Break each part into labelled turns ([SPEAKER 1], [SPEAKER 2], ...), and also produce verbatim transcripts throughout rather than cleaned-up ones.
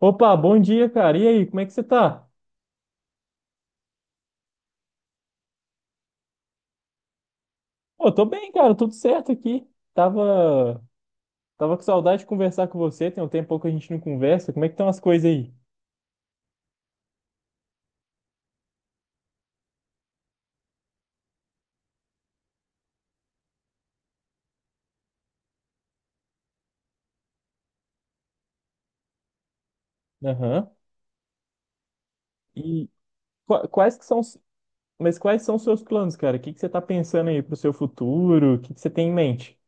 [SPEAKER 1] Opa, bom dia, cara. E aí, como é que você tá? Pô, tô bem, cara, tudo certo aqui. Tava, tava com saudade de conversar com você, tem um tempo que a gente não conversa. Como é que estão as coisas aí? Aham. E qua- quais que são, os- mas quais são os seus planos, cara? O que que você tá pensando aí pro seu futuro? O que que você tem em mente?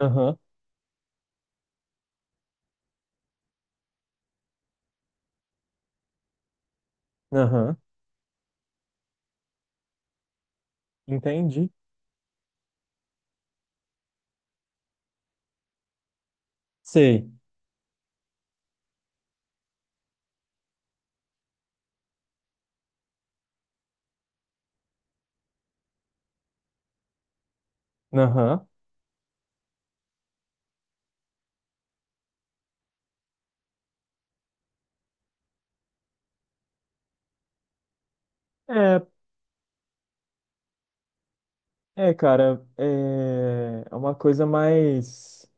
[SPEAKER 1] Aham, aham. Entendi. Sei. Aham. É, é, cara, é é uma coisa mais.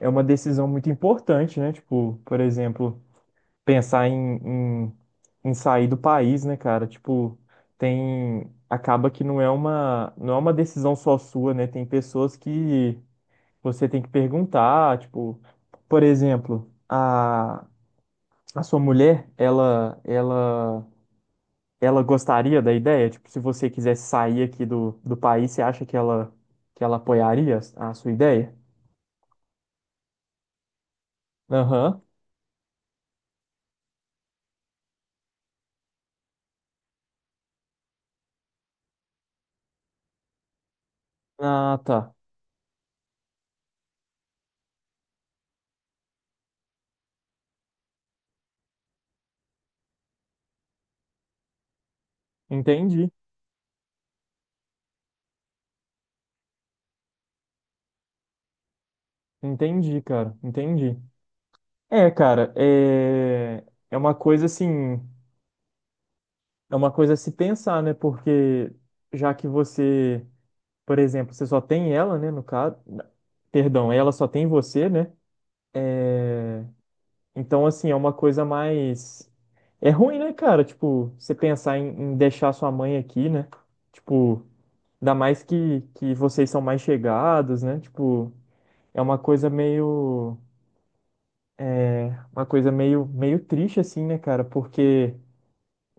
[SPEAKER 1] É uma decisão muito importante, né? Tipo, por exemplo. Pensar em, em, em sair do país, né, cara? Tipo, tem. Acaba que não é uma, não é uma decisão só sua, né? Tem pessoas que você tem que perguntar, tipo, por exemplo, a, a sua mulher, ela, ela, ela gostaria da ideia? Tipo, se você quisesse sair aqui do, do país, você acha que ela, que ela apoiaria a sua ideia? Aham. Ah, tá. Entendi. Entendi, cara. Entendi. É, cara, é, é uma coisa assim, é uma coisa a se pensar, né? Porque já que você, por exemplo, você só tem ela, né? No caso, perdão, ela só tem você, né? É, então, assim, é uma coisa mais. É ruim, né, cara? Tipo, você pensar em, em deixar sua mãe aqui, né? Tipo, ainda mais que, que vocês são mais chegados, né? Tipo, é uma coisa meio é uma coisa meio, meio triste, assim, né, cara? Porque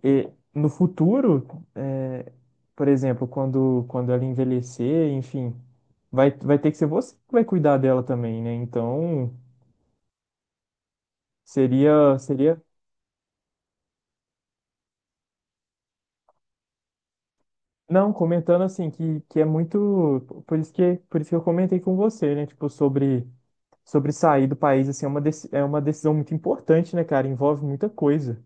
[SPEAKER 1] e no futuro, é, por exemplo, quando, quando ela envelhecer, enfim, vai, vai ter que ser você que vai cuidar dela também, né? Então, seria, seria... Não, comentando assim, que, que é muito... Por isso que, por isso que eu comentei com você, né? Tipo, sobre, sobre sair do país, assim, é uma, deci- é uma decisão muito importante, né, cara? Envolve muita coisa.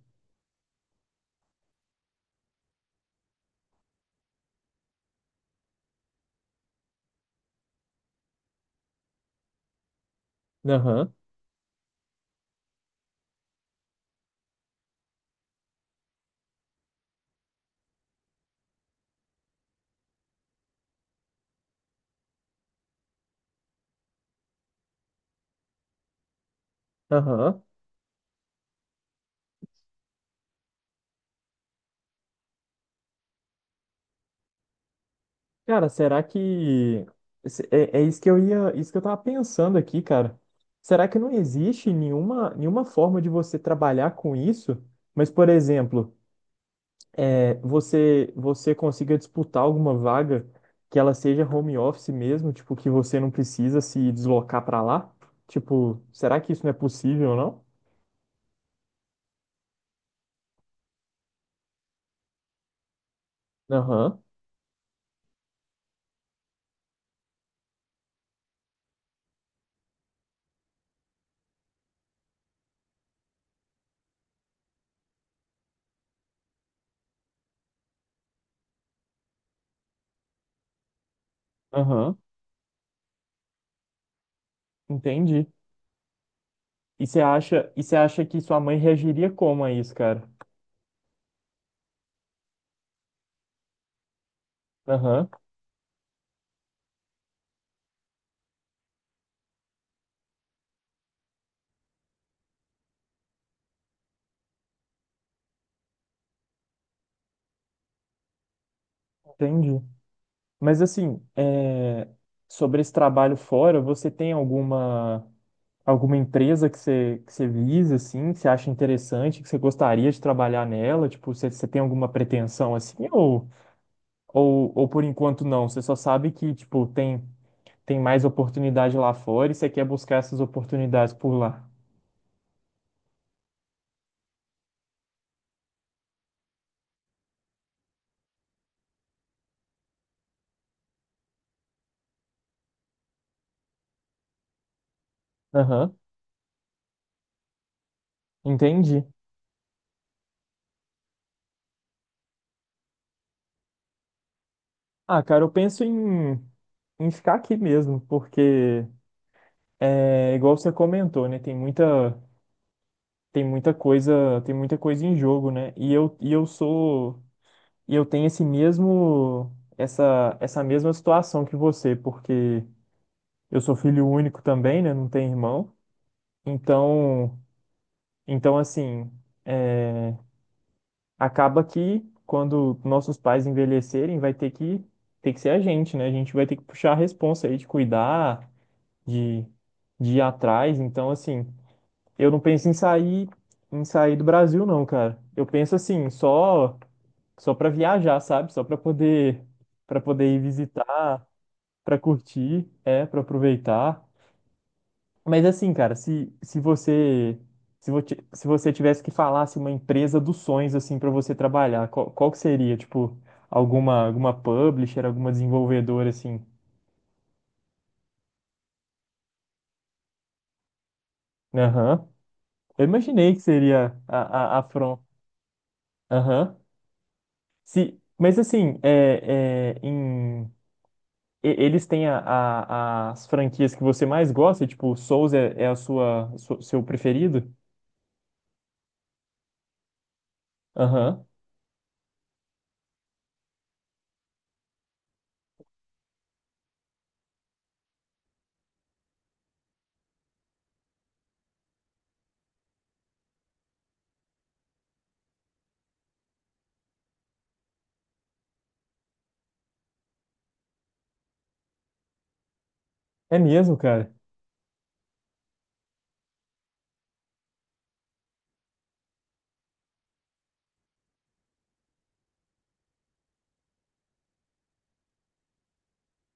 [SPEAKER 1] Aham, aham. Cara, será que se- é, é isso que eu ia, isso que eu tava pensando aqui, cara. Será que não existe nenhuma, nenhuma forma de você trabalhar com isso? Mas, por exemplo, é, você você consiga disputar alguma vaga que ela seja home office mesmo, tipo que você não precisa se deslocar para lá? Tipo, será que isso não é possível, não? Aham, aham, entendi. E você acha, e você acha que sua mãe reagiria como a isso, cara? Aham, entendi. Mas assim, é, sobre esse trabalho fora, você tem alguma alguma empresa que você, que você visa, assim, que você acha interessante, que você gostaria de trabalhar nela? Tipo, você, você tem alguma pretensão assim? Ou, ou, ou por enquanto não? Você só sabe que, tipo, tem, tem mais oportunidade lá fora e você quer buscar essas oportunidades por lá. Aham, entendi. Ah, cara, eu penso em, em ficar aqui mesmo, porque é igual você comentou, né? Tem muita. Tem muita coisa, tem muita coisa em jogo, né? E eu, e eu sou, e eu tenho esse mesmo, essa, essa mesma situação que você, porque eu sou filho único também, né? Não tenho irmão. Então, então assim, é, acaba que quando nossos pais envelhecerem, vai ter que, ter que ser a gente, né? A gente vai ter que puxar a responsa aí de cuidar, de, de ir atrás. Então, assim, eu não penso em sair, em sair do Brasil, não, cara. Eu penso assim, só só para viajar, sabe? Só para poder para poder ir visitar, para curtir, é, para aproveitar. Mas assim, cara, se se você se você, se você tivesse que falar assim, uma empresa dos sonhos assim para você trabalhar, qual, qual que seria, tipo, alguma alguma publisher, alguma desenvolvedora assim? Aham. Eu imaginei que seria a a, a From. Aham. Se mas assim, é, é, em e- eles têm a- a- as franquias que você mais gosta? Tipo, Souls é, é a sua, su- seu preferido? Aham. É mesmo, cara?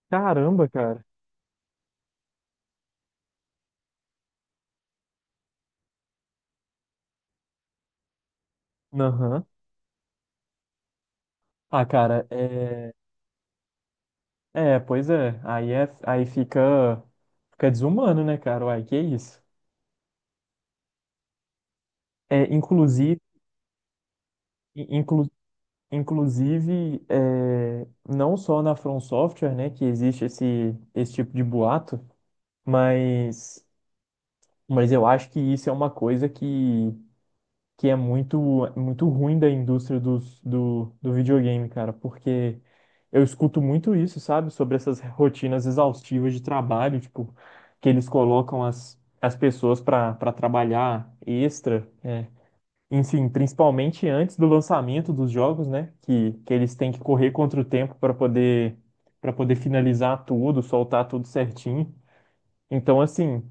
[SPEAKER 1] Caramba, cara. Aham. Ah, cara, é... É, pois é. Aí, é, aí fica... Fica desumano, né, cara? Uai, que isso? É, inclusive... Inclu, inclusive, é, não só na From Software, né, que existe esse, esse tipo de boato, mas... Mas eu acho que isso é uma coisa que... que é muito, muito ruim da indústria dos, do, do videogame, cara, porque eu escuto muito isso, sabe, sobre essas rotinas exaustivas de trabalho, tipo, que eles colocam as, as pessoas para para trabalhar extra, é. Enfim, principalmente antes do lançamento dos jogos, né, que, que eles têm que correr contra o tempo para poder para poder finalizar tudo, soltar tudo certinho. Então, assim,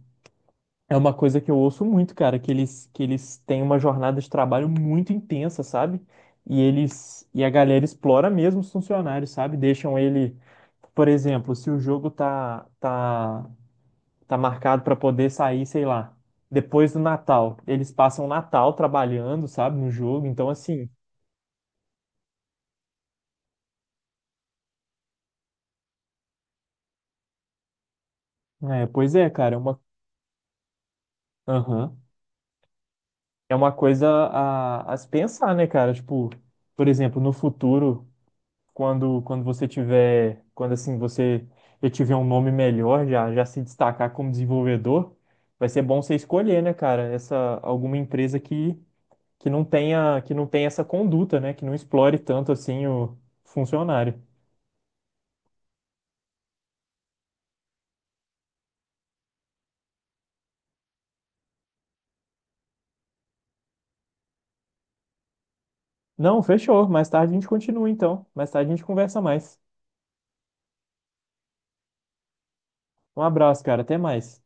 [SPEAKER 1] é uma coisa que eu ouço muito, cara, que eles, que eles têm uma jornada de trabalho muito intensa, sabe? E eles e a galera explora mesmo os funcionários, sabe? Deixam ele, por exemplo, se o jogo tá tá tá marcado para poder sair, sei lá, depois do Natal, eles passam o Natal trabalhando, sabe, no jogo. Então assim, é, pois é, cara, é uma aham. É uma coisa a, a se pensar, né, cara? Tipo, por exemplo, no futuro quando quando você tiver, quando assim você já tiver um nome melhor, já já se destacar como desenvolvedor, vai ser bom você escolher, né, cara, essa alguma empresa que que não tenha que não tenha essa conduta, né, que não explore tanto assim o funcionário. Não, fechou. Mais tarde a gente continua então. Mais tarde a gente conversa mais. Um abraço, cara. Até mais.